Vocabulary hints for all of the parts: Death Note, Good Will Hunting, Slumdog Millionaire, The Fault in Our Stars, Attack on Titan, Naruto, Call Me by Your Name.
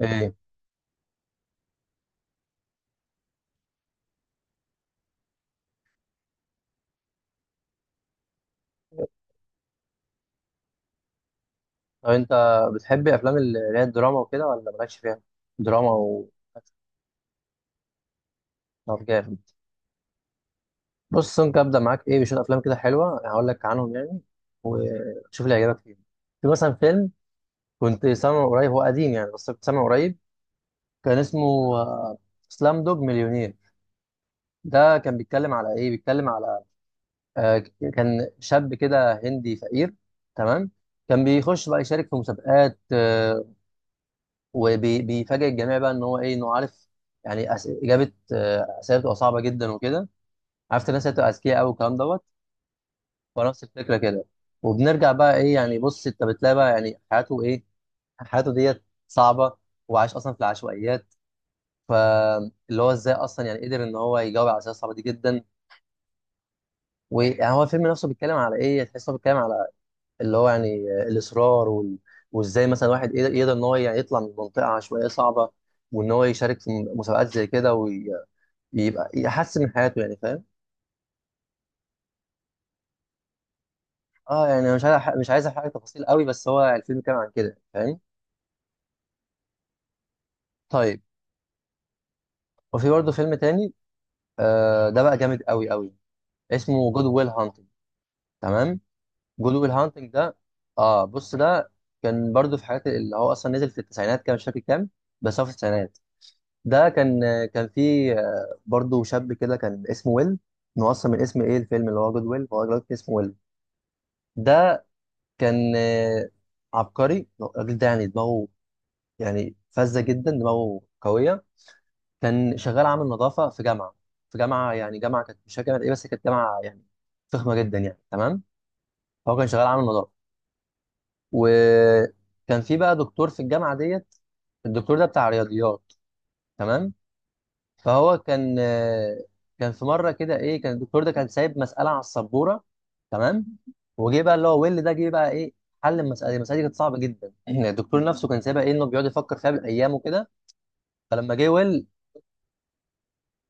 ايه. طب انت بتحب افلام اللي هي الدراما وكده، ولا مالكش فيها دراما و... طب جامد. بص، ممكن ابدا معاك ايه بشويه افلام كده حلوه، هقول لك عنهم يعني، وشوف اللي يعجبك فيهم. في مثلا فيلم كنت سامعه قريب، هو قديم يعني بس كنت سامعه قريب. كان اسمه سلام دوج مليونير. ده كان بيتكلم على ايه، بيتكلم على آه، كان شاب كده هندي فقير، تمام. كان بيخش بقى يشارك في مسابقات، وبيفاجئ الجميع بقى ان هو ايه، انه عارف يعني اجابه اسئله بتبقى صعبه جدا وكده. عارف الناس اللي بتبقى اذكياء قوي والكلام دوت. فنفس الفكره كده. وبنرجع بقى ايه يعني، بص انت بتلاقي بقى يعني حياته ايه، حياته ديت صعبه، وعايش اصلا في العشوائيات. فاللي هو ازاي اصلا يعني قدر ان هو يجاوب على الاسئله الصعبه دي جدا. ويعني هو الفيلم نفسه بيتكلم على ايه، تحس إن هو بيتكلم على اللي هو يعني الاصرار وازاي مثلا واحد يقدر، يقدر ان هو يعني يطلع من منطقه عشوائيه صعبه، وان هو يشارك في مسابقات زي كده، يبقى يحسن من حياته يعني، فاهم. اه يعني أنا مش عايز احرق تفاصيل قوي، بس هو الفيلم كان عن كده فاهم. طيب. وفي برضه فيلم تاني، ده بقى جامد قوي قوي. اسمه جود ويل هانتنج، تمام. جود ويل هانتنج ده، اه بص ده كان برضه في حاجات اللي هو اصلا نزل في التسعينات، كان مش فاكر كام، بس هو في التسعينات. ده كان كان فيه برضه شاب كده كان اسمه ويل. إن هو اصلا من اسم ايه الفيلم، اللي هو جود ويل، هو دلوقتي اسمه ويل. ده كان عبقري الراجل ده، يعني دماغه يعني فذة جدا، دماغه قوية. كان شغال عامل نظافة في جامعة، في جامعة، يعني جامعة كانت مش فاكر جامعة ايه، بس كانت جامعة يعني فخمة جدا يعني، تمام. هو كان شغال عامل نظافة. وكان في بقى دكتور في الجامعة ديت، الدكتور ده بتاع رياضيات، تمام. فهو كان كان في مرة كده ايه، كان الدكتور ده كان سايب مسألة على السبورة، تمام. وجه بقى اللي هو ويل ده، جه بقى ايه، حل المسألة دي. المسألة دي كانت صعبة جدا. الدكتور نفسه كان سايبها ايه، انه بيقعد يفكر فيها بالأيام وكده. فلما جه ويل،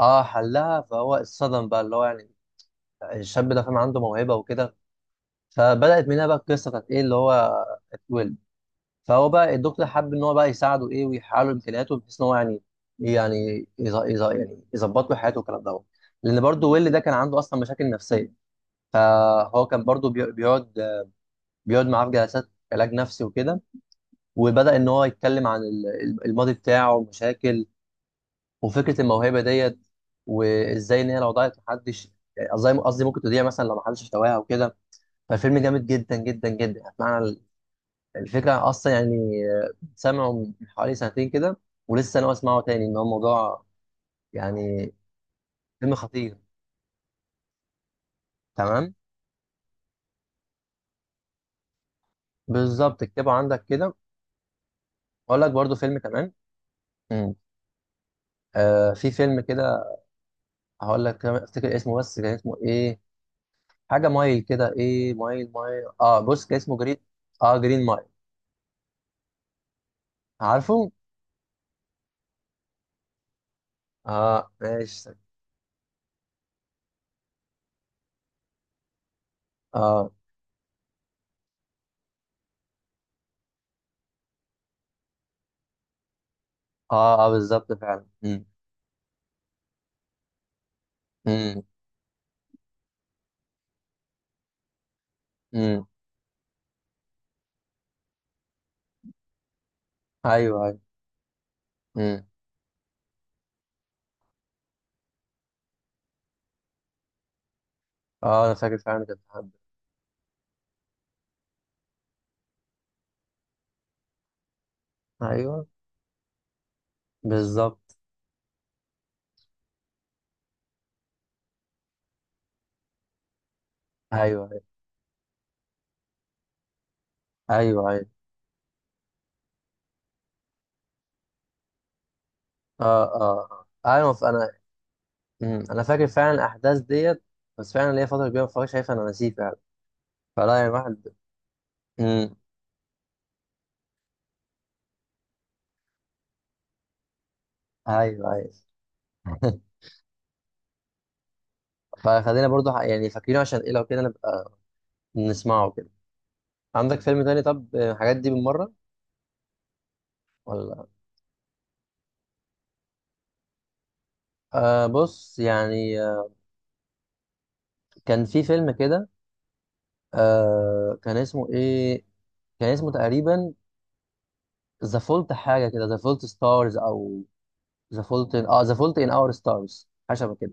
اه حلها. فهو اتصدم بقى، اللي هو يعني الشاب ده فاهم عنده موهبه وكده. فبدات من هنا بقى القصه بتاعت ايه، اللي هو اتولد. فهو بقى الدكتور حب ان هو بقى يساعده ايه، ويحقق له امكانياته بحيث ان هو يعني، يعني يظبط له حياته والكلام دوت. لان برضه ويل ده كان عنده اصلا مشاكل نفسيه. فهو كان برضه بيقعد، بيقعد معاه في جلسات علاج نفسي وكده. وبدا ان هو يتكلم عن الماضي بتاعه ومشاكل. وفكره الموهبه ديت، وازاي ان هي لو ضاعت محدش، قصدي ممكن تضيع مثلا لو محدش اشتواها او كده. فالفيلم جامد جدا جدا جدا. معنى الفكره اصلا يعني آه، سامعه من حوالي سنتين كده، ولسه انا بسمعه تاني ان هو الموضوع يعني فيلم خطير. تمام، بالظبط اكتبه عندك كده. اقول لك برضو فيلم كمان. مم. في فيلم كده، هقول لك كمان افتكر اسمه، بس كان اسمه ايه، حاجه مايل كده، ايه مايل مايل اه بص، كان اسمه جرين. اه جرين مايل. عارفه. اه ماشي. اه اه اه بالظبط فعلا. امم. امم امم. ايوه ايوه. امم. اه انا فاكر فعلا كانت حد. ايوه بالظبط. ايوه ايوه ايوه ايوه اه اه آه. ايوه انا، انا فاكر فعلا الاحداث ديت، بس فعلا ليا فتره كبيره ما اتفرجش، شايفها انا نسيه فعلا. فلا يعني واحد. امم. ايوه ايوه. فخلينا برضو يعني فاكرينه عشان ايه لو كده، نبقى نسمعه كده. عندك فيلم تاني طب، الحاجات دي بالمره ولا؟ بص يعني آه، كان في فيلم كده، كان اسمه ايه، كان اسمه تقريبا ذا فولت حاجه كده، ذا فولت ستارز، او ذا فولت اه ذا فولت ان اور ستارز، حاجه شبه كده.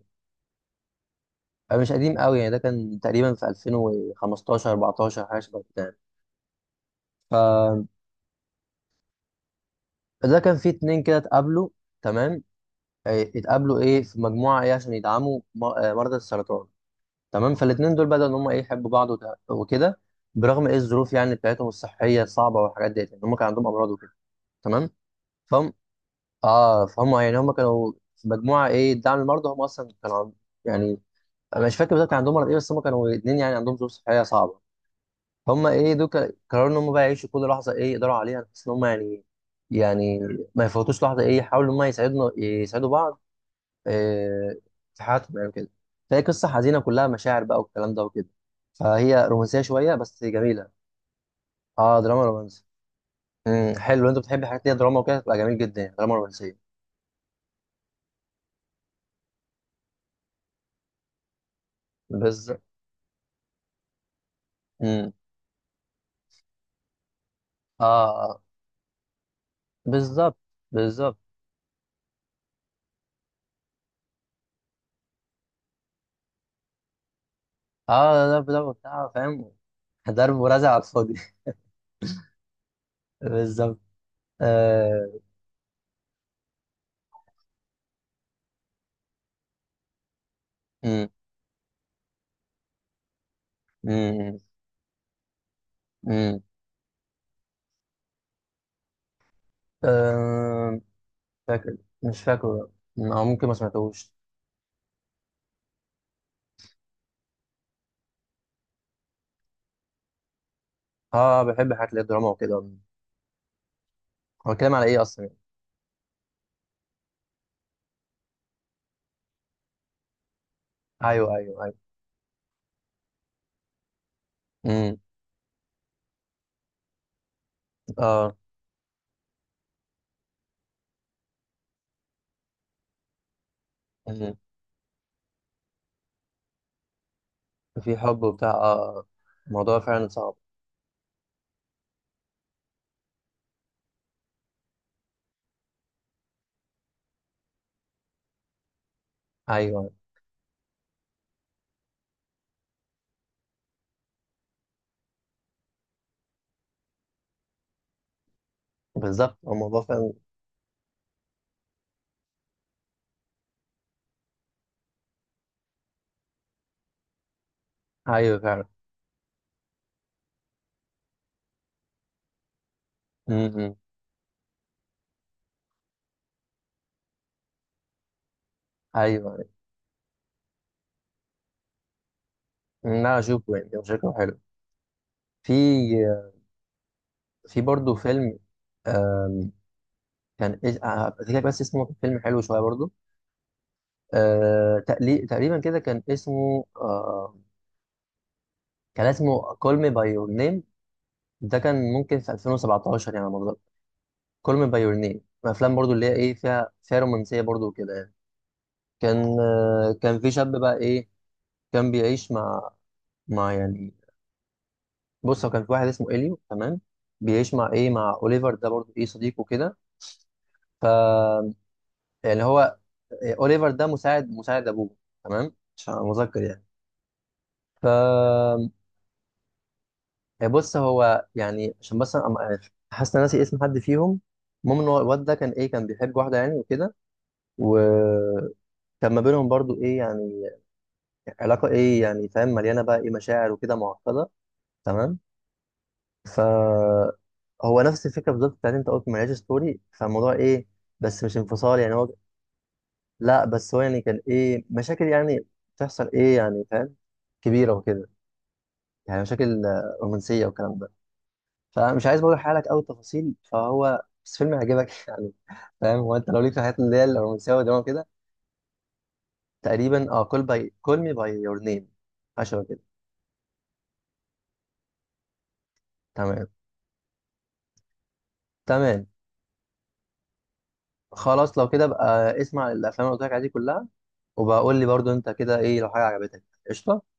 مش قديم قوي يعني، ده كان تقريبا في 2015 14 حاجه شبه كده يعني. فده كان فيه اتنين كده اتقابلوا، تمام. اتقابلوا ايه في مجموعه ايه عشان يدعموا مرضى السرطان، تمام. فالاتنين دول بدأوا ان هم ايه يحبوا بعض وكده، برغم ايه الظروف يعني بتاعتهم الصحيه الصعبه والحاجات ديت، يعني هم كان عندهم امراض وكده، تمام. فهم اه فهم يعني، هم كانوا في مجموعه ايه دعم المرضى، هم اصلا كانوا يعني انا مش فاكر بالظبط كان عندهم مرض ايه، بس هم كانوا اتنين يعني عندهم ظروف صحيه صعبه. هم ايه دول قرروا ان هم بقى يعيشوا كل لحظه ايه يقدروا عليها، بحيث ان هم يعني، يعني ما يفوتوش لحظه ايه، يحاولوا ان هم يساعدوا بعض، إيه، في حياتهم يعني كده. فهي قصه حزينه كلها مشاعر بقى والكلام ده وكده. فهي رومانسيه شويه بس جميله. اه دراما رومانسي. امم. حلو، انت بتحب الحاجات اللي هي دراما وكده، تبقى جميل جدا يعني دراما رومانسيه. بالظبط. امم. اه آه. بالظبط بالظبط. اه ضرب ضرب بتاع فاهم، ضرب ورزع على الفاضي بالظبط آه. مم. مم. مم. آه. فاكر. مش فاكره، او ممكن ما سمعتهوش. اه بحب حاجات اللي هي دراما وكده. هو الكلام على ايه اصلا يعني؟ ايوه ايوه ايوه. مم. اه. مم. في حب وبتاع اه، الموضوع فعلا صعب. ايوه بالظبط، هو الموضوع فعلا. ايوه فعلا. مم. ايوه. لا اشوفه يعني، هو شكله حلو. في، في برضه فيلم، آم، كان إيه هفتكر لك بس اسمه، كان فيلم حلو شويه برضه، تقريبا كده كان اسمه كان اسمه Call Me by Your Name. ده كان ممكن في 2017 يعني على ما أتذكر. Call Me by Your Name من الافلام برضه اللي هي ايه، فيها رومانسيه برضه وكده يعني. كان كان في شاب بقى ايه، كان بيعيش مع، يعني بص، هو كان في واحد اسمه اليو، تمام، بيعيش مع ايه مع اوليفر ده، برضه ايه صديقه كده يعني. هو إيه، اوليفر ده مساعد، ابوه، تمام، عشان أبقى مذكر يعني. ف بص هو يعني، عشان بس أنا حاسس ان أنا ناسي اسم حد فيهم. المهم ان هو الواد ده كان ايه، كان بيحب واحده يعني وكده، وكان ما بينهم برضو ايه يعني علاقه ايه يعني فاهم، مليانه بقى ايه مشاعر وكده معقده، تمام. ف هو نفس الفكره بالظبط بتاعت انت قلت، ملهاش ستوري فالموضوع ايه، بس مش انفصال يعني، هو لا بس هو يعني كان ايه مشاكل يعني بتحصل ايه يعني فاهم كبيره وكده، يعني مشاكل رومانسيه والكلام ده. فمش عايز برضه احرق لك قوي التفاصيل، فهو بس فيلم هيعجبك يعني، فاهم، هو انت لو ليك في الحاجات اللي هي الرومانسيه والدراما كده. تقريبا اه كول باي كول مي باي يور نيم، عشان كده. تمام تمام. خلاص لو كده بقى، اسمع الافلام اللي قلت لك عليها دي كلها، وبقول لي برضه انت كده ايه لو حاجه عجبتك. قشطه.